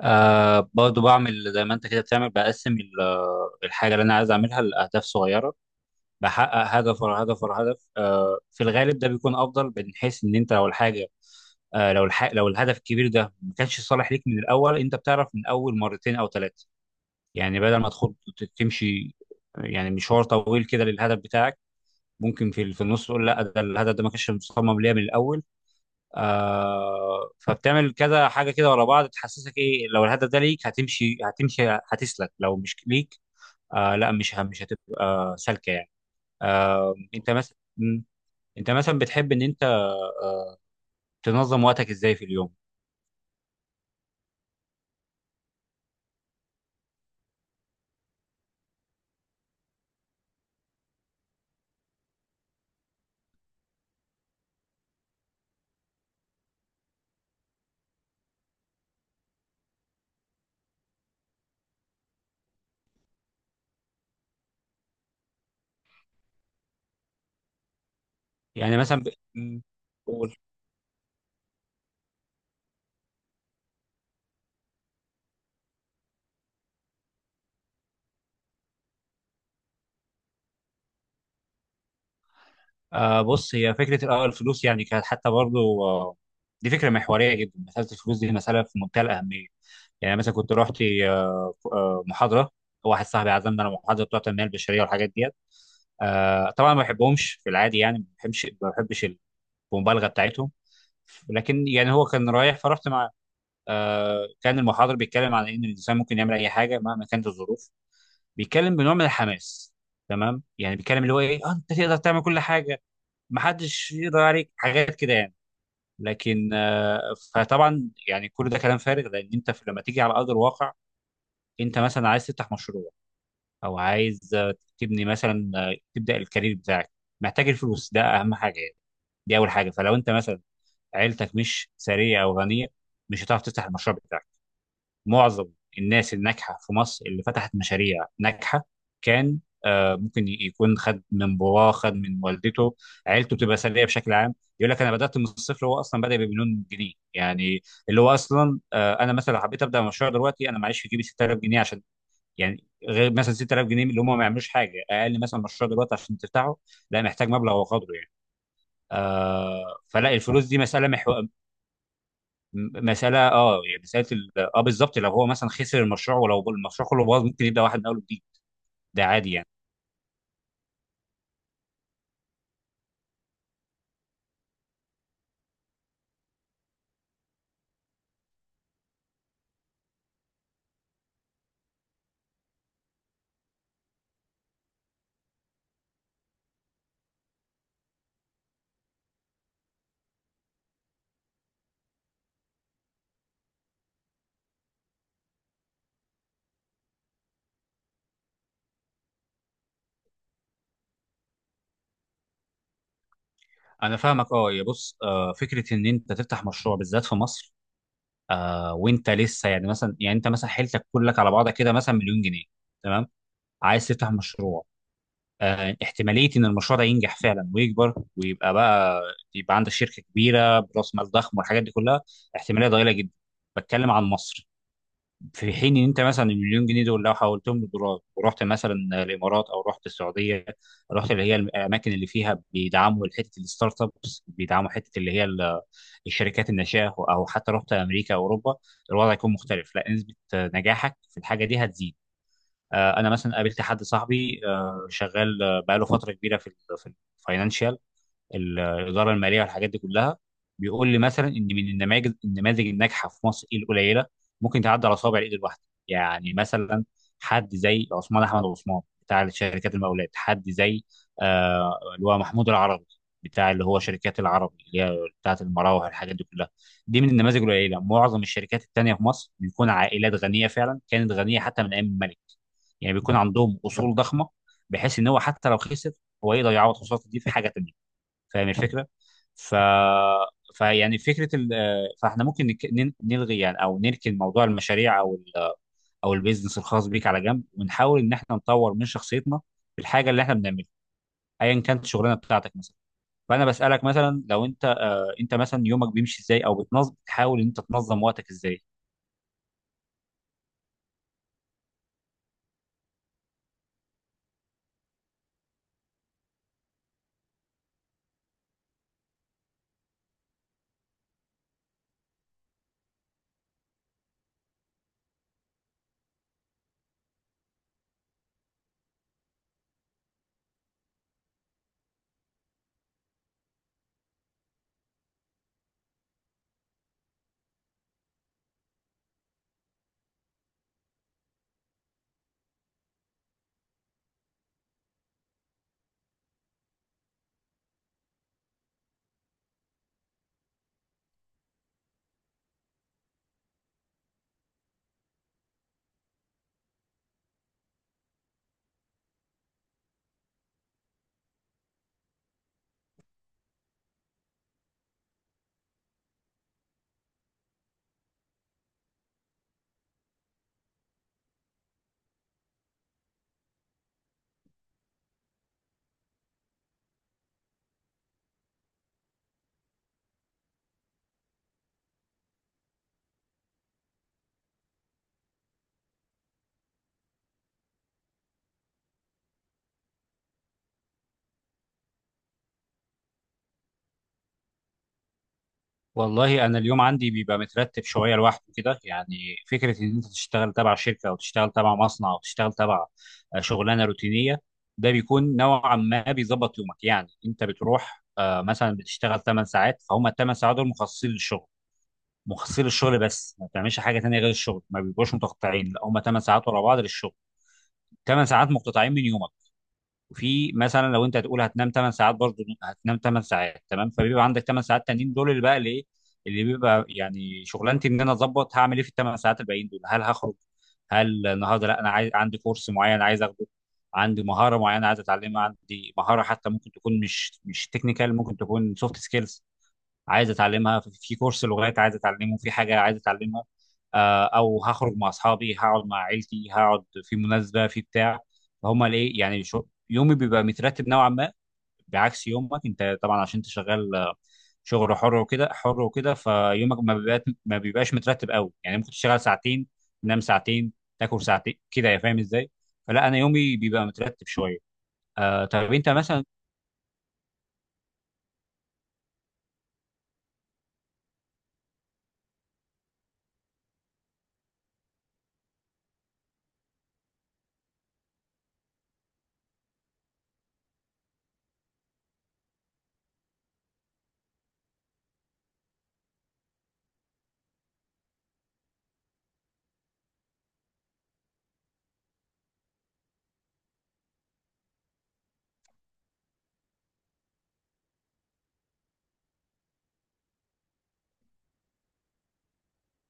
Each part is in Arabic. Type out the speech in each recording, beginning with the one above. برضو بعمل زي ما انت كده بتعمل، بقسم الحاجة اللي انا عايز اعملها لأهداف صغيرة. بحقق هدف ورا هدف ورا هدف، في الغالب ده بيكون افضل، من حيث ان انت لو الحاجة آه لو الح... لو الهدف الكبير ده ما كانش صالح ليك من الاول. انت بتعرف من اول مرتين او ثلاثة، يعني بدل ما تمشي يعني مشوار طويل كده للهدف بتاعك، ممكن في النص تقول لا، ده الهدف ده ما كانش مصمم ليا من الاول. فبتعمل كذا حاجه كده ورا بعض تحسسك ايه. لو الهدف ده ليك هتمشي، هتسلك. لو مش ليك، لا، مش هتبقى سالكه يعني. آه، انت مثلا مم. انت مثلا بتحب ان انت تنظم وقتك ازاي في اليوم؟ يعني مثلا ب... مم. قول. بص، هي فكره. الأول الفلوس يعني كانت حتى برضو، دي فكره محوريه جدا، مساله الفلوس دي مساله في منتهى الاهميه. يعني مثلا كنت رحت محاضره، واحد صاحبي عزمنا على محاضره بتوع التنميه البشريه والحاجات دي. طبعا ما بحبهمش في العادي، يعني ما بحبش المبالغه بتاعتهم، لكن يعني هو كان رايح فرحت معاه. كان المحاضر بيتكلم عن ان الانسان ممكن يعمل اي حاجه مهما كانت الظروف، بيتكلم بنوع من الحماس. تمام، يعني بيتكلم اللي هو ايه، انت تقدر تعمل كل حاجه، ما حدش يقدر عليك، حاجات كده يعني. لكن فطبعا يعني كل ده كلام فارغ، لان انت لما تيجي على ارض الواقع، انت مثلا عايز تفتح مشروع، او عايز تبني مثلا، تبدا الكارير بتاعك، محتاج الفلوس، ده اهم حاجه يعني. دي اول حاجه. فلو انت مثلا عيلتك مش ثريه او غنيه، مش هتعرف تفتح المشروع بتاعك. معظم الناس الناجحه في مصر اللي فتحت مشاريع ناجحه، كان ممكن يكون خد من باباه، خد من والدته، عيلته بتبقى ثريه بشكل عام. يقول لك انا بدات من الصفر، هو اصلا بدا بمليون جنيه يعني. اللي هو اصلا، انا مثلا لو حبيت ابدا مشروع دلوقتي، انا معيش في جيبي 6000 جنيه عشان يعني، غير مثلا 6000 جنيه اللي هم ما يعملوش حاجه. اقل مثلا مشروع دلوقتي عشان تفتحه، لا، محتاج مبلغ وقدره. فلا، الفلوس دي مساله مساله، يعني مساله ال... اه بالظبط. لو هو مثلا خسر المشروع، ولو المشروع كله باظ، ممكن يبدا واحد من اول وجديد. ده عادي يعني. انا فاهمك اه. يا بص، فكره ان انت تفتح مشروع بالذات في مصر وانت لسه، يعني مثلا، يعني انت مثلا حيلتك كلك على بعضها كده مثلا مليون جنيه، تمام، عايز تفتح مشروع. احتماليه ان المشروع ده ينجح فعلا ويكبر ويبقى بقى، يبقى عندك شركه كبيره براس مال ضخم والحاجات دي كلها، احتماليه ضئيله جدا. بتكلم عن مصر. في حين ان انت مثلا المليون جنيه دول لو حولتهم لدولار، ورحت مثلا الامارات، او رحت السعوديه، رحت اللي هي الاماكن اللي فيها بيدعموا حته الستارت ابس، بيدعموا حته اللي هي الشركات الناشئه، او حتى رحت امريكا او اوروبا، الوضع يكون مختلف. لا، نسبه نجاحك في الحاجه دي هتزيد. انا مثلا قابلت حد صاحبي، شغال بقاله فتره كبيره في في الفاينانشال، الاداره الماليه والحاجات دي كلها. بيقول لي مثلا ان من النماذج الناجحه في مصر ايه؟ القليله، ممكن تعدي على صوابع الايد الواحده. يعني مثلا حد زي عثمان احمد عثمان بتاع شركات المقاولات، حد زي اللي هو محمود العربي، بتاع اللي هو شركات العربي اللي هي بتاعت المراوح والحاجات دي كلها. دي من النماذج القليله. معظم الشركات التانيه في مصر بيكون عائلات غنيه، فعلا كانت غنيه حتى من ايام الملك، يعني بيكون عندهم اصول ضخمه، بحيث ان هو حتى لو خسر، هو يقدر يعوض خسارته دي في حاجه تانيه. فاهم الفكره؟ ف فيعني فكره ال... آه، فاحنا ممكن نلغي يعني، او نركن موضوع المشاريع، او ال... آه، او البيزنس الخاص بيك على جنب، ونحاول ان احنا نطور من شخصيتنا في الحاجه اللي احنا بنعملها، ايا كانت الشغلانه بتاعتك مثلا. فانا بسالك مثلا، لو انت، انت مثلا يومك بيمشي ازاي، او بتنظم، بتحاول ان انت تنظم وقتك ازاي؟ والله انا اليوم عندي بيبقى مترتب شويه لوحده كده. يعني فكره ان انت تشتغل تبع شركه، او تشتغل تبع مصنع، او تشتغل تبع شغلانه روتينيه، ده بيكون نوعا ما بيظبط يومك. يعني انت بتروح، مثلا بتشتغل 8 ساعات، فهم ال 8 ساعات دول مخصصين للشغل، بس ما بتعملش حاجه تانيه غير الشغل. ما بيبقوش متقطعين، لا، هم 8 ساعات ورا بعض للشغل، 8 ساعات مقتطعين من يومك. وفي مثلا لو انت هتقول هتنام 8 ساعات، برضه هتنام 8 ساعات، تمام. فبيبقى عندك 8 ساعات تانيين دول، اللي بقى الايه اللي بيبقى يعني شغلانتي، ان انا اظبط هعمل ايه في ال 8 ساعات الباقيين دول. هل هخرج؟ هل النهارده، لا، انا عايز، عندي كورس معين عايز اخده، عندي مهاره معينه عايز اتعلمها، عندي مهاره حتى ممكن تكون مش تكنيكال، ممكن تكون سوفت سكيلز عايز اتعلمها، في كورس لغات عايز اتعلمه، في حاجه عايز اتعلمها، او هخرج مع اصحابي، هقعد مع عيلتي، هقعد في مناسبه في بتاع. فهم ليه، يعني شو يومي بيبقى مترتب نوعا ما، بعكس يومك انت طبعا. عشان انت شغال شغل حر وكده، فيومك ما بيبقاش مترتب قوي يعني، ممكن تشتغل ساعتين، تنام ساعتين، تاكل ساعتين كده، يا فاهم ازاي؟ فلا، انا يومي بيبقى مترتب شويه. آه طب انت مثلا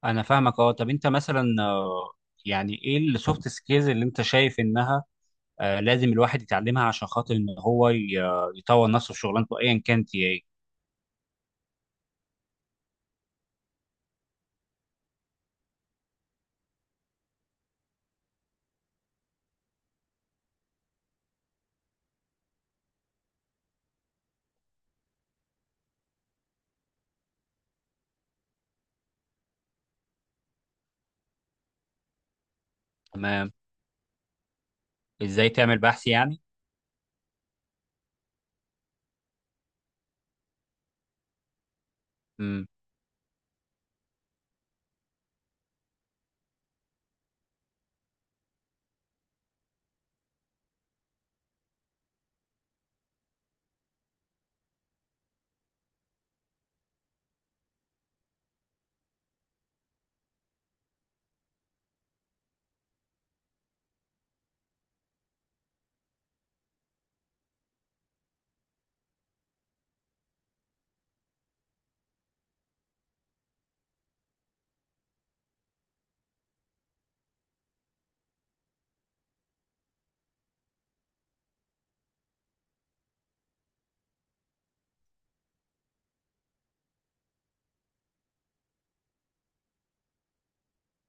انا فاهمك اه. طب انت مثلا، يعني ايه السوفت سكيلز اللي انت شايف انها لازم الواحد يتعلمها، عشان خاطر ان هو يطور نفسه في شغلانته ايا كانت هي ايه؟ تمام، ازاي تعمل بحث يعني؟ امم.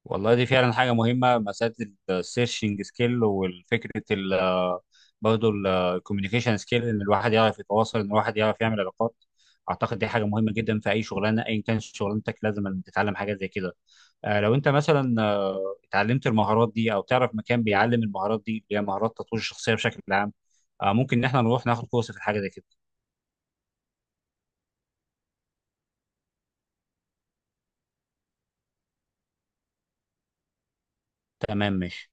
والله دي فعلا حاجه مهمه، مساله السيرشنج سكيل، والفكره ال آه، برضه الكوميونيكيشن سكيل، ان الواحد يعرف يتواصل، ان الواحد يعرف يعمل علاقات. اعتقد دي حاجه مهمه جدا في اي شغلانه، ايا كانت شغلانتك لازم تتعلم حاجه زي كده. لو انت مثلا اتعلمت المهارات دي، او تعرف مكان بيعلم المهارات دي اللي هي مهارات تطوير الشخصيه بشكل عام، ممكن ان احنا نروح ناخد كورس في الحاجه زي كده. تمام، ماشي.